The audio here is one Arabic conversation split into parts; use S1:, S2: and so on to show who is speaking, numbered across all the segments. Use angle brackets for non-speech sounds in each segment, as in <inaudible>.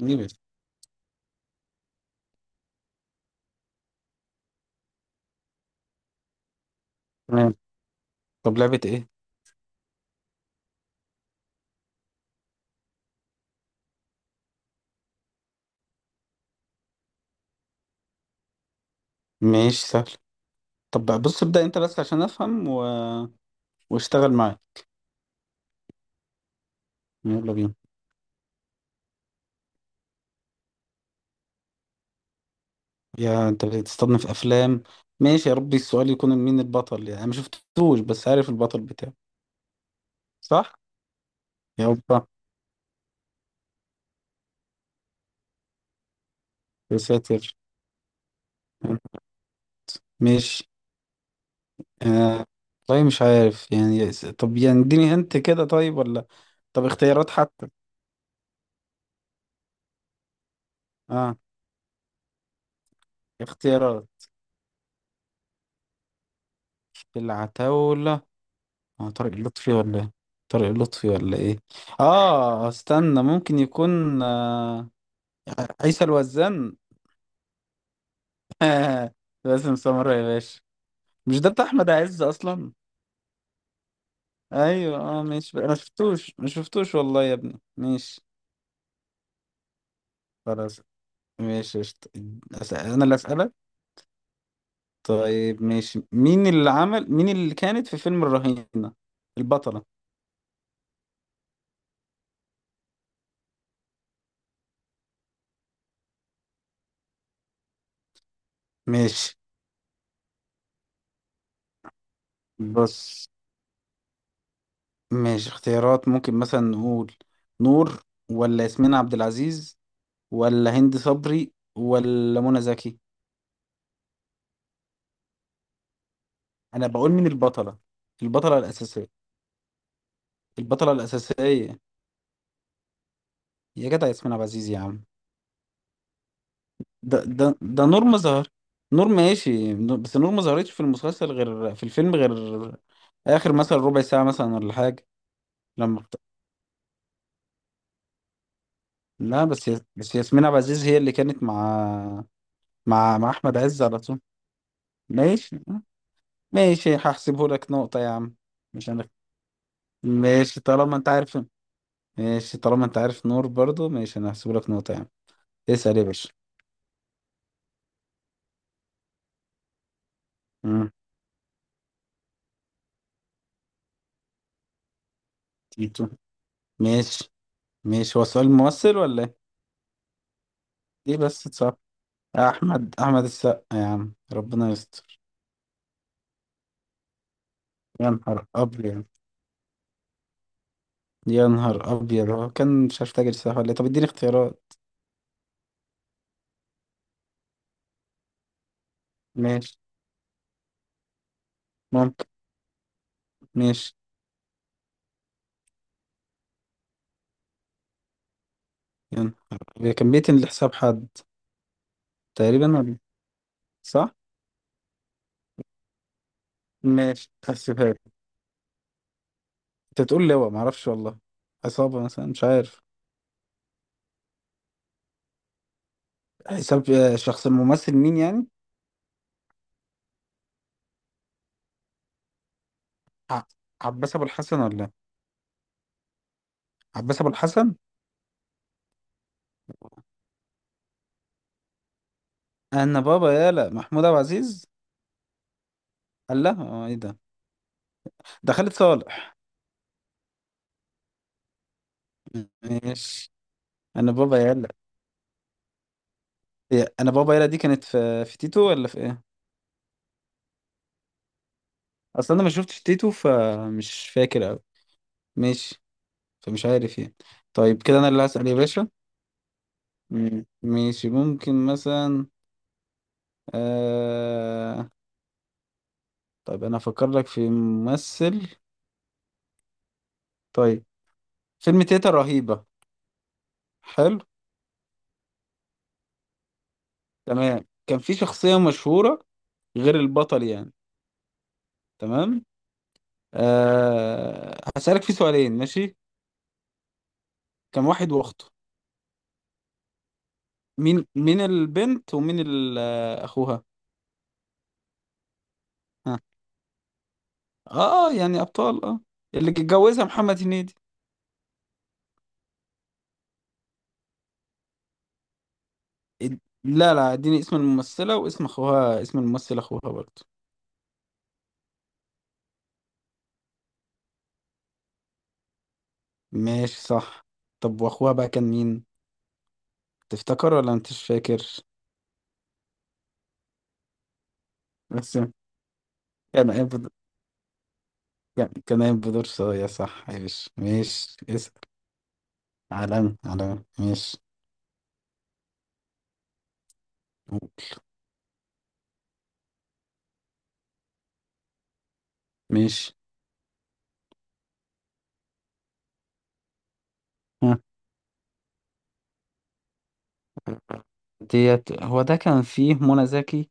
S1: نيبل. تمام. طب لعبة ايه؟ ماشي سهل. طب بقى بص ابدأ انت بس عشان افهم واشتغل معايا. يلا بينا. يا انت بتستضنف افلام. ماشي يا ربي، السؤال يكون مين البطل، يعني انا ما شفتوش بس عارف البطل بتاعه. صح؟ يا رب. يا ساتر. ماشي. آه... طيب مش عارف يعني طب يعني اديني هنت كده، طيب ولا طب اختيارات حتى. اه. اختيارات. العتاولة. هو طارق اللطفي ولا ايه؟ طارق اللطفي ولا ايه؟ اه استنى ممكن يكون. عيسى الوزان. <laughs> باسم سمرة يا باشا. مش ده بتاع احمد عز اصلا؟ ايوه اه ماشي انا شفتوش ما شفتوش والله يا ابني ماشي. خلاص. ماشي قشطة. انا اللي اسالك. طيب ماشي، مين اللي كانت في فيلم الرهينة، البطلة. ماشي. بص. ماشي اختيارات، ممكن مثلا نقول: نور ولا ياسمين عبد العزيز ولا هند صبري ولا منى زكي. انا بقول مين البطله؟ البطله الاساسيه. البطله الاساسيه. يا جدع، ياسمين عبد العزيز يا عم. ده ده ده نور ما ظهر. نور ماشي، بس نور ما ظهرتش في المسلسل غير في الفيلم، غير اخر مثلا ربع ساعه مثلا ولا حاجه. لما بت... لا، بس ياسمين عبد العزيز هي اللي كانت مع احمد عز على طول. ماشي. ماشي هحسبه لك نقطه يا عم. مش انا. ماشي طالما انت عارف. ماشي طالما انت عارف، نور برضو ماشي، انا هحسب لك نقطة يعني. اسأل يا باشا. مم. تيتو. ماشي. ماشي هو سؤال ممثل ولا ايه؟ ليه بس صعب. احمد السقا يا عم، ربنا يستر. يا نهار ابيض. يا نهار ابيض، هو كان مش عارف، تاجر سلاح ولا ايه؟ طب اديني اختيارات. ماشي. ممكن. ماشي. يا نهار أبيض. كان بيتن لحساب حد. تقريبا ولا؟ صح. ماشي هحسبها لك. انت تقول لي هو معرفش والله. عصابة مثلا مش عارف. حساب، شخص، الممثل مين يعني. ع- عباس ابو الحسن ولا عباس ابو الحسن. انا بابا يالا محمود عبد العزيز. قال لها ايه ده؟ ده خالد صالح. ماشي. انا بابا يالا. إيه، انا بابا يالا دي كانت في تيتو ولا في ايه؟ اصلا انا ما شفتش تيتو، فمش فاكر قوي. ماشي. فمش عارف يعني. طيب كده انا اللي هسأل يا باشا. مم. ماشي ممكن مثلا آه... طيب انا افكر لك في ممثل. طيب فيلم تيتا رهيبة. حلو. تمام كان في شخصية مشهورة غير البطل يعني. تمام. هسألك في سؤالين ماشي. كم واحد واخته. مين البنت ومين اخوها. ها. اه يعني ابطال اه. اللي اتجوزها محمد هنيدي. إد- لا لا اديني اسم الممثلة واسم اخوها، اسم الممثل اخوها برضه. ماشي صح. طب واخوها بقى كان مين؟ تفتكر ولا انت مش فاكر؟ بس كان قايم بدور، كان قايم بدور صايع، صح يا باشا، ماشي اسأل. علم علم ماشي. قول. ماشي. ديت هو ده كان فيه منى زكي،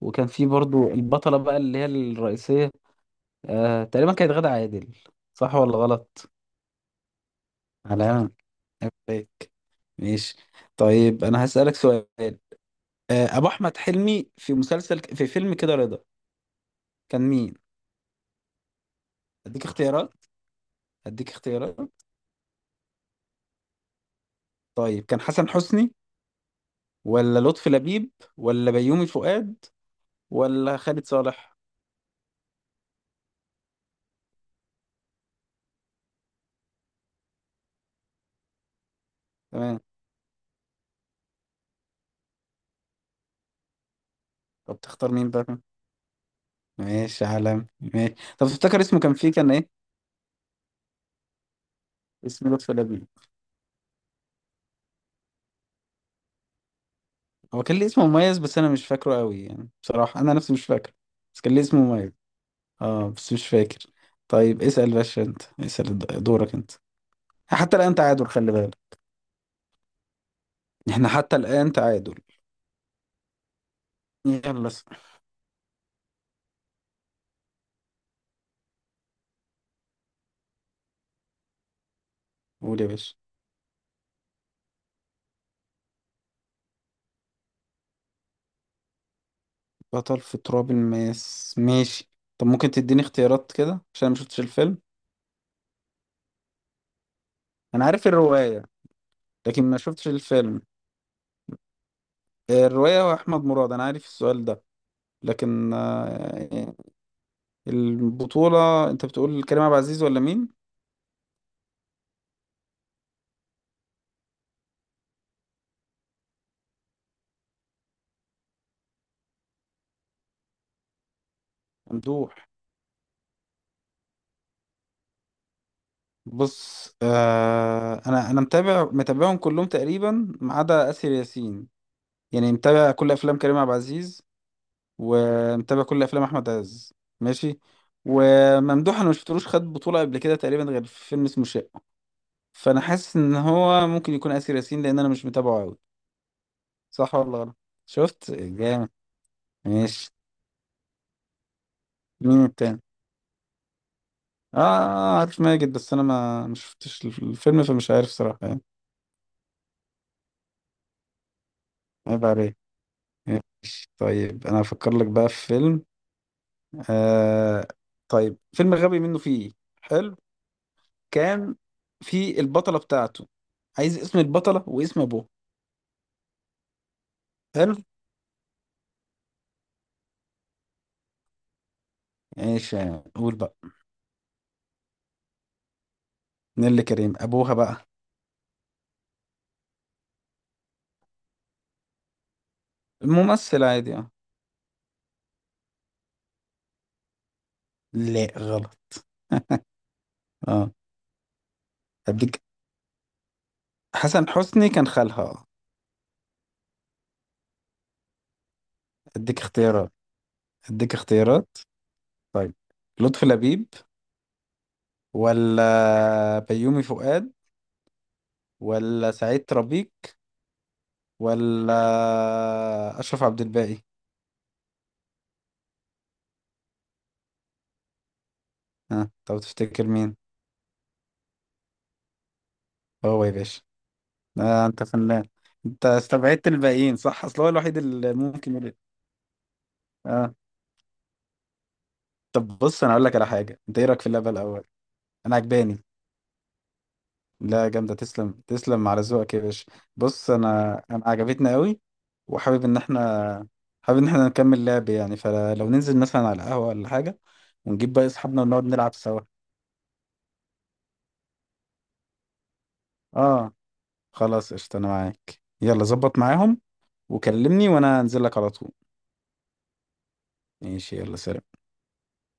S1: وكان فيه برضو البطلة بقى اللي هي الرئيسية. آه تقريبا كانت غادة عادل. صح ولا غلط؟ على عليك. ماشي. طيب أنا هسألك سؤال. أبو أحمد حلمي في مسلسل في فيلم كده رضا، كان مين؟ أديك اختيارات. أديك اختيارات. طيب كان حسن حسني ولا لطفي لبيب ولا بيومي فؤاد ولا خالد صالح؟ تمام. طب تختار مين بقى؟ ماشي عالم ماشي. طب تفتكر اسمه كان فيه كان إيه؟ اسم لطفي لبيب. هو كان ليه اسم مميز بس انا مش فاكره قوي، يعني بصراحة انا نفسي مش فاكره. بس كان ليه اسم مميز. اه بس مش فاكر. طيب اسأل باشا، انت اسأل دورك انت. حتى الآن تعادل، خلي بالك. احنا حتى الآن تعادل. يلا اسأل. قول يا باشا. بطل في تراب الماس، ماشي. طب ممكن تديني اختيارات كده عشان ما شفتش الفيلم. انا عارف الرواية. لكن ما شفتش الفيلم. الرواية هو احمد مراد، انا عارف السؤال ده، لكن البطولة، انت بتقول كريم عبد العزيز ولا مين؟ ممدوح. بص انا متابعهم كلهم تقريبا، ما عدا اسر ياسين. يعني متابع كل افلام كريم عبد العزيز، ومتابع كل افلام احمد عز. ماشي. وممدوح انا ما شفتلوش خد بطوله قبل كده تقريبا، غير في فيلم اسمه شقه. فانا حاسس ان هو ممكن يكون اسر ياسين، لان انا مش متابعه قوي. صح ولا غلط؟ شفت جامد. ماشي. مين التاني؟ اه عارف ماجد، بس انا ما شفتش الفيلم فمش عارف صراحه يعني. عيب عليك. ماشي. طيب انا هفكر لك بقى في فيلم، آه طيب فيلم غبي منه فيه. حلو. كان في البطلة بتاعته، عايز اسم البطلة واسم ابوها. حلو. ايش. قول بقى. نيللي كريم. ابوها بقى؟ ممثل عادي اه. لا غلط. اه. اديك. حسن حسني كان خالها اه. اديك اختيارات. اديك اختيارات. طيب لطفي لبيب ولا بيومي فؤاد ولا سعيد ربيك ولا اشرف عبد الباقي. ها طب تفتكر مين؟ هو يا باشا. انت فنان. انت استبعدت الباقيين صح، اصل هو الوحيد اللي ممكن يقول إيه. اه. طب بص انا اقول لك على حاجه، انت ايه رايك في اللعبه الاول؟ انا عجباني. لا جامده، تسلم تسلم على ذوقك يا باشا. بص انا عجبتنا قوي. وحابب ان احنا حابب ان احنا نكمل لعب يعني، فلو ننزل مثلا على القهوه ولا حاجه ونجيب باقي اصحابنا ونقعد نلعب سوا. اه. خلاص قشطه، انا معاك، يلا ظبط معاهم وكلمني وانا انزل لك على طول. ماشي يلا سلام.